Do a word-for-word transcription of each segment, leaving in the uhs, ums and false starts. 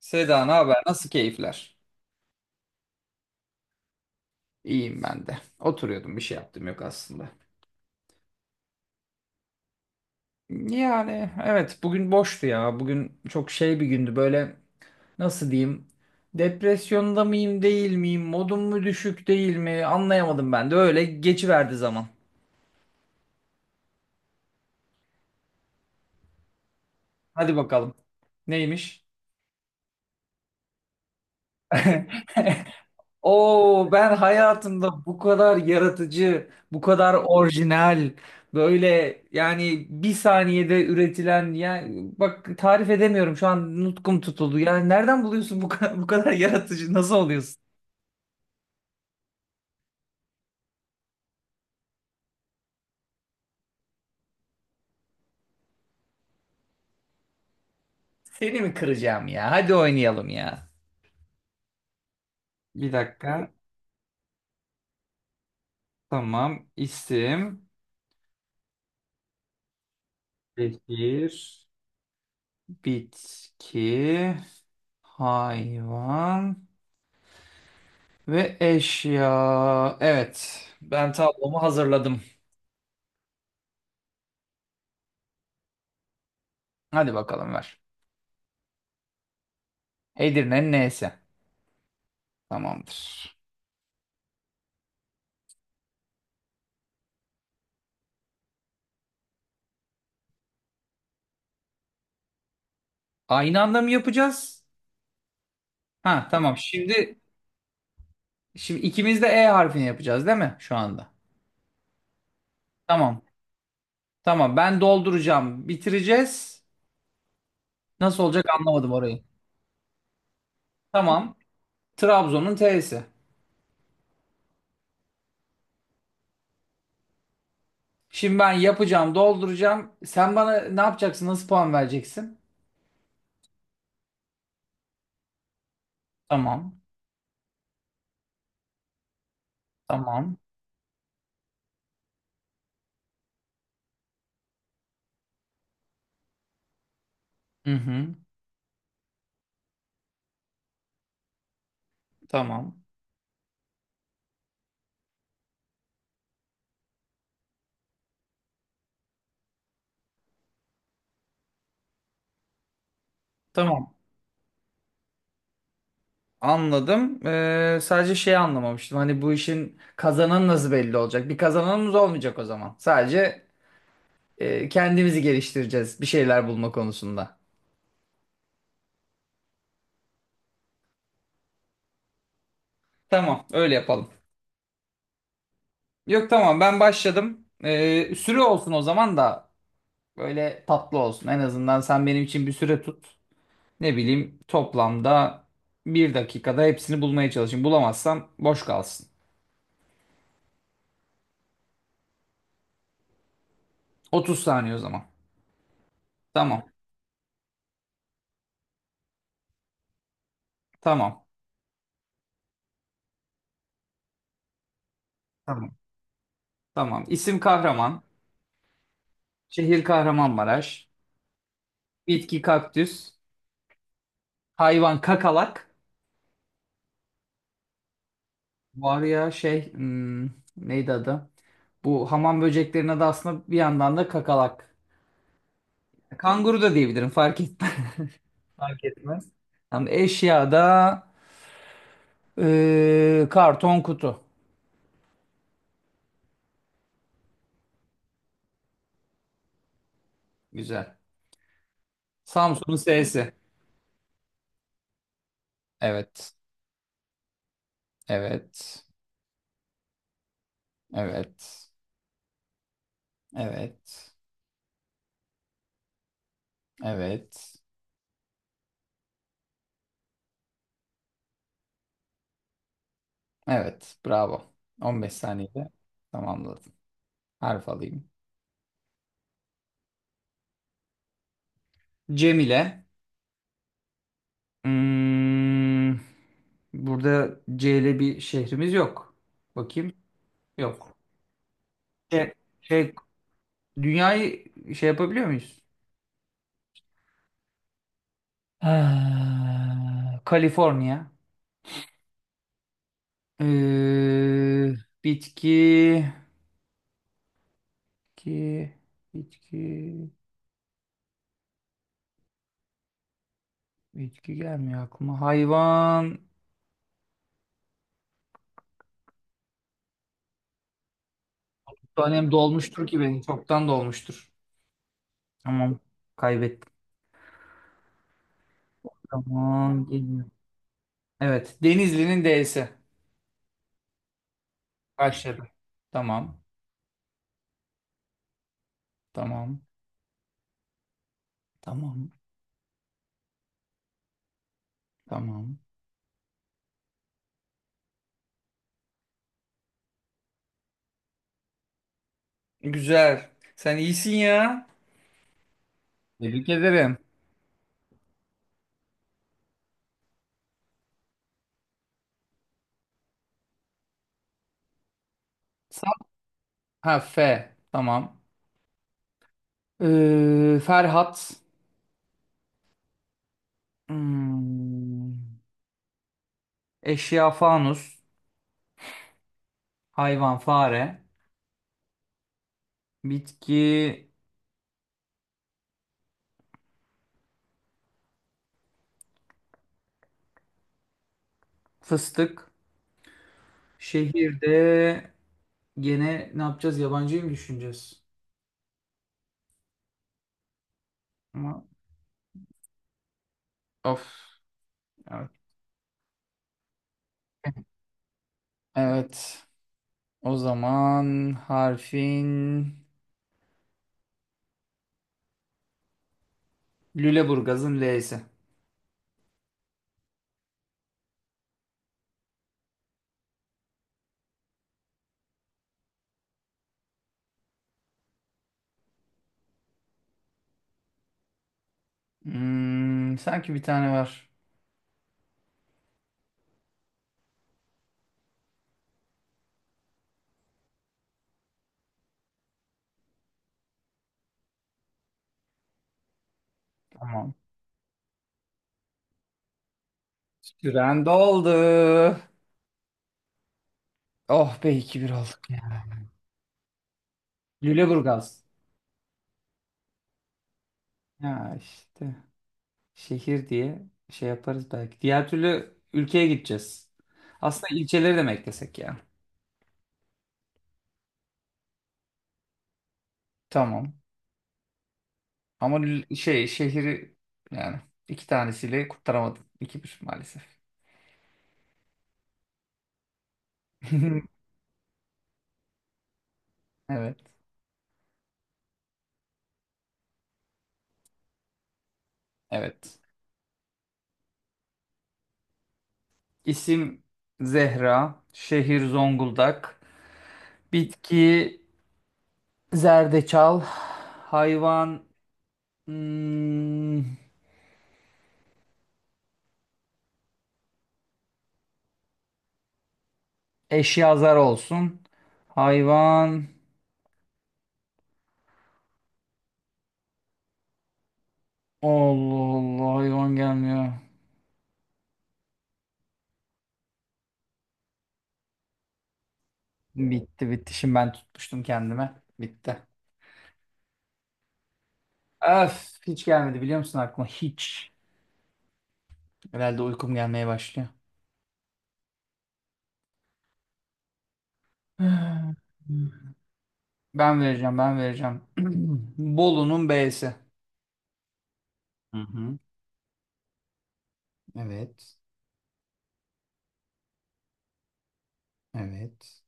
Seda ne haber? Nasıl keyifler? İyiyim ben de. Oturuyordum bir şey yaptım yok aslında. Yani evet bugün boştu ya. Bugün çok şey bir gündü böyle nasıl diyeyim? Depresyonda mıyım değil miyim? Modum mu düşük değil mi? Anlayamadım ben de öyle geçiverdi zaman. Hadi bakalım. Neymiş? Oo ben hayatımda bu kadar yaratıcı, bu kadar orijinal, böyle yani bir saniyede üretilen yani bak tarif edemiyorum şu an nutkum tutuldu. Yani nereden buluyorsun bu kadar, bu kadar yaratıcı nasıl oluyorsun? Seni mi kıracağım ya? Hadi oynayalım ya. Bir dakika. Tamam. İsim, şehir, bitki, hayvan ve eşya. Evet, ben tablomu hazırladım. Hadi bakalım ver. Edirne'nin neyse. Tamamdır. Aynı anda mı yapacağız? Ha tamam. Şimdi şimdi ikimiz de E harfini yapacağız değil mi şu anda? Tamam. Tamam. Ben dolduracağım. Bitireceğiz. Nasıl olacak anlamadım orayı. Tamam. Trabzon'un T'si. Şimdi ben yapacağım, dolduracağım. Sen bana ne yapacaksın? Nasıl puan vereceksin? Tamam. Tamam. Hı hı. Tamam. Tamam. Anladım. Ee, sadece şey anlamamıştım. Hani bu işin kazananı nasıl belli olacak? Bir kazananımız olmayacak o zaman. Sadece e, kendimizi geliştireceğiz bir şeyler bulma konusunda. Tamam, öyle yapalım. Yok tamam ben başladım. Ee, süre olsun o zaman da böyle tatlı olsun. En azından sen benim için bir süre tut. Ne bileyim toplamda bir dakikada hepsini bulmaya çalışayım. Bulamazsam boş kalsın. otuz saniye o zaman. Tamam, tamam, tamam. Tamam. İsim kahraman. Şehir Kahramanmaraş. Bitki kaktüs. Hayvan kakalak. Var ya şey hmm, neydi adı? Bu hamam böceklerine de aslında bir yandan da kakalak. Kanguru da diyebilirim fark etmez. Fark etmez. Yani eşyada eee, karton kutu. Güzel. Samsun'un S'si. Evet. Evet. Evet. Evet. Evet. Evet. Bravo. on beş saniyede tamamladım. Harf alayım. Cemile. Hmm, burada C ile bir şehrimiz yok. Bakayım. Yok. Şey, şey, dünyayı şey yapabiliyor muyuz? Ah, Kaliforniya. Ee, bitki, bitki, bitki, bitki gelmiyor aklıma. Hayvan. Tanem dolmuştur ki benim. Çoktan dolmuştur. Tamam. Kaybettim. Tamam. Geliyor. Evet. Denizli'nin D'si. Başladı. Tamam. Tamam. Tamam. Tamam. Güzel. Sen iyisin ya. Tebrik ederim. Sa- Ha F. Tamam. Ee, Ferhat. Hmm, Eşya fanus. Hayvan fare. Bitki fıstık. Şehirde gene ne yapacağız? Yabancıyı mı düşüneceğiz? Ama of. Evet. Evet. O zaman harfin Lüleburgaz'ın L'si. Hmm, sanki bir tane var. Tamam. Süren doldu. Oh be iki bir olduk. Lüleburgaz. Ya işte şehir diye şey yaparız belki. Diğer türlü ülkeye gideceğiz. Aslında ilçeleri de mi eklesek ya? Tamam. Ama lü- şey şehri yani iki tanesiyle kurtaramadım. İki bir maalesef. Evet. Evet. İsim Zehra. Şehir Zonguldak. Bitki zerdeçal. Hayvan hmm, Eşyazar olsun. Hayvan. Allah Allah hayvan gelmiyor. Bitti bitti. Şimdi ben tutmuştum kendime. Bitti. Öf hiç gelmedi biliyor musun aklıma? Hiç. Herhalde uykum gelmeye başlıyor. Hmm. Ben vereceğim ben vereceğim. Bolu'nun B'si. Hı hı. Evet. Evet.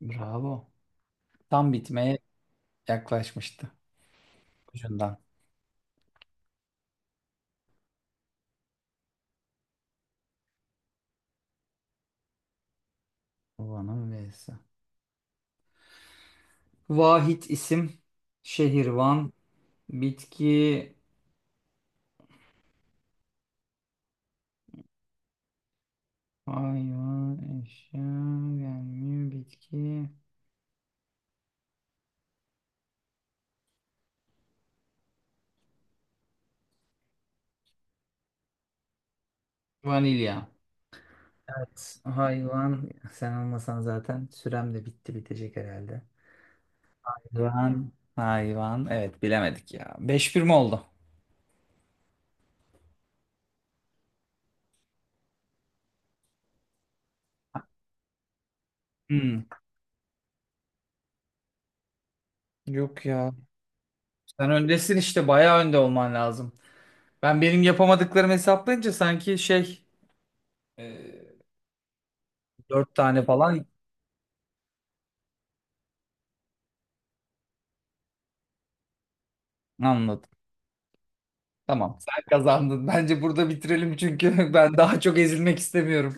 Bravo. Tam bitmeye yaklaşmıştı. Ucundan. Van'ın V'si. Vahit isim. Şehir Van. Bitki hayvan, eşya, gelmiyor, bitki. Vanilya. Evet, hayvan sen olmasan zaten sürem de bitti bitecek herhalde. Hayvan, hayvan. Evet bilemedik ya. beş bir mi oldu? Hmm, yok ya. Sen öndesin işte bayağı önde olman lazım. Ben benim yapamadıklarımı hesaplayınca sanki şey e, dört tane falan anladım. Tamam sen kazandın. Bence burada bitirelim çünkü ben daha çok ezilmek istemiyorum.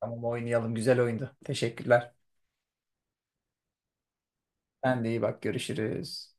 Tamam oynayalım. Güzel oyundu. Teşekkürler. Sen de iyi bak görüşürüz.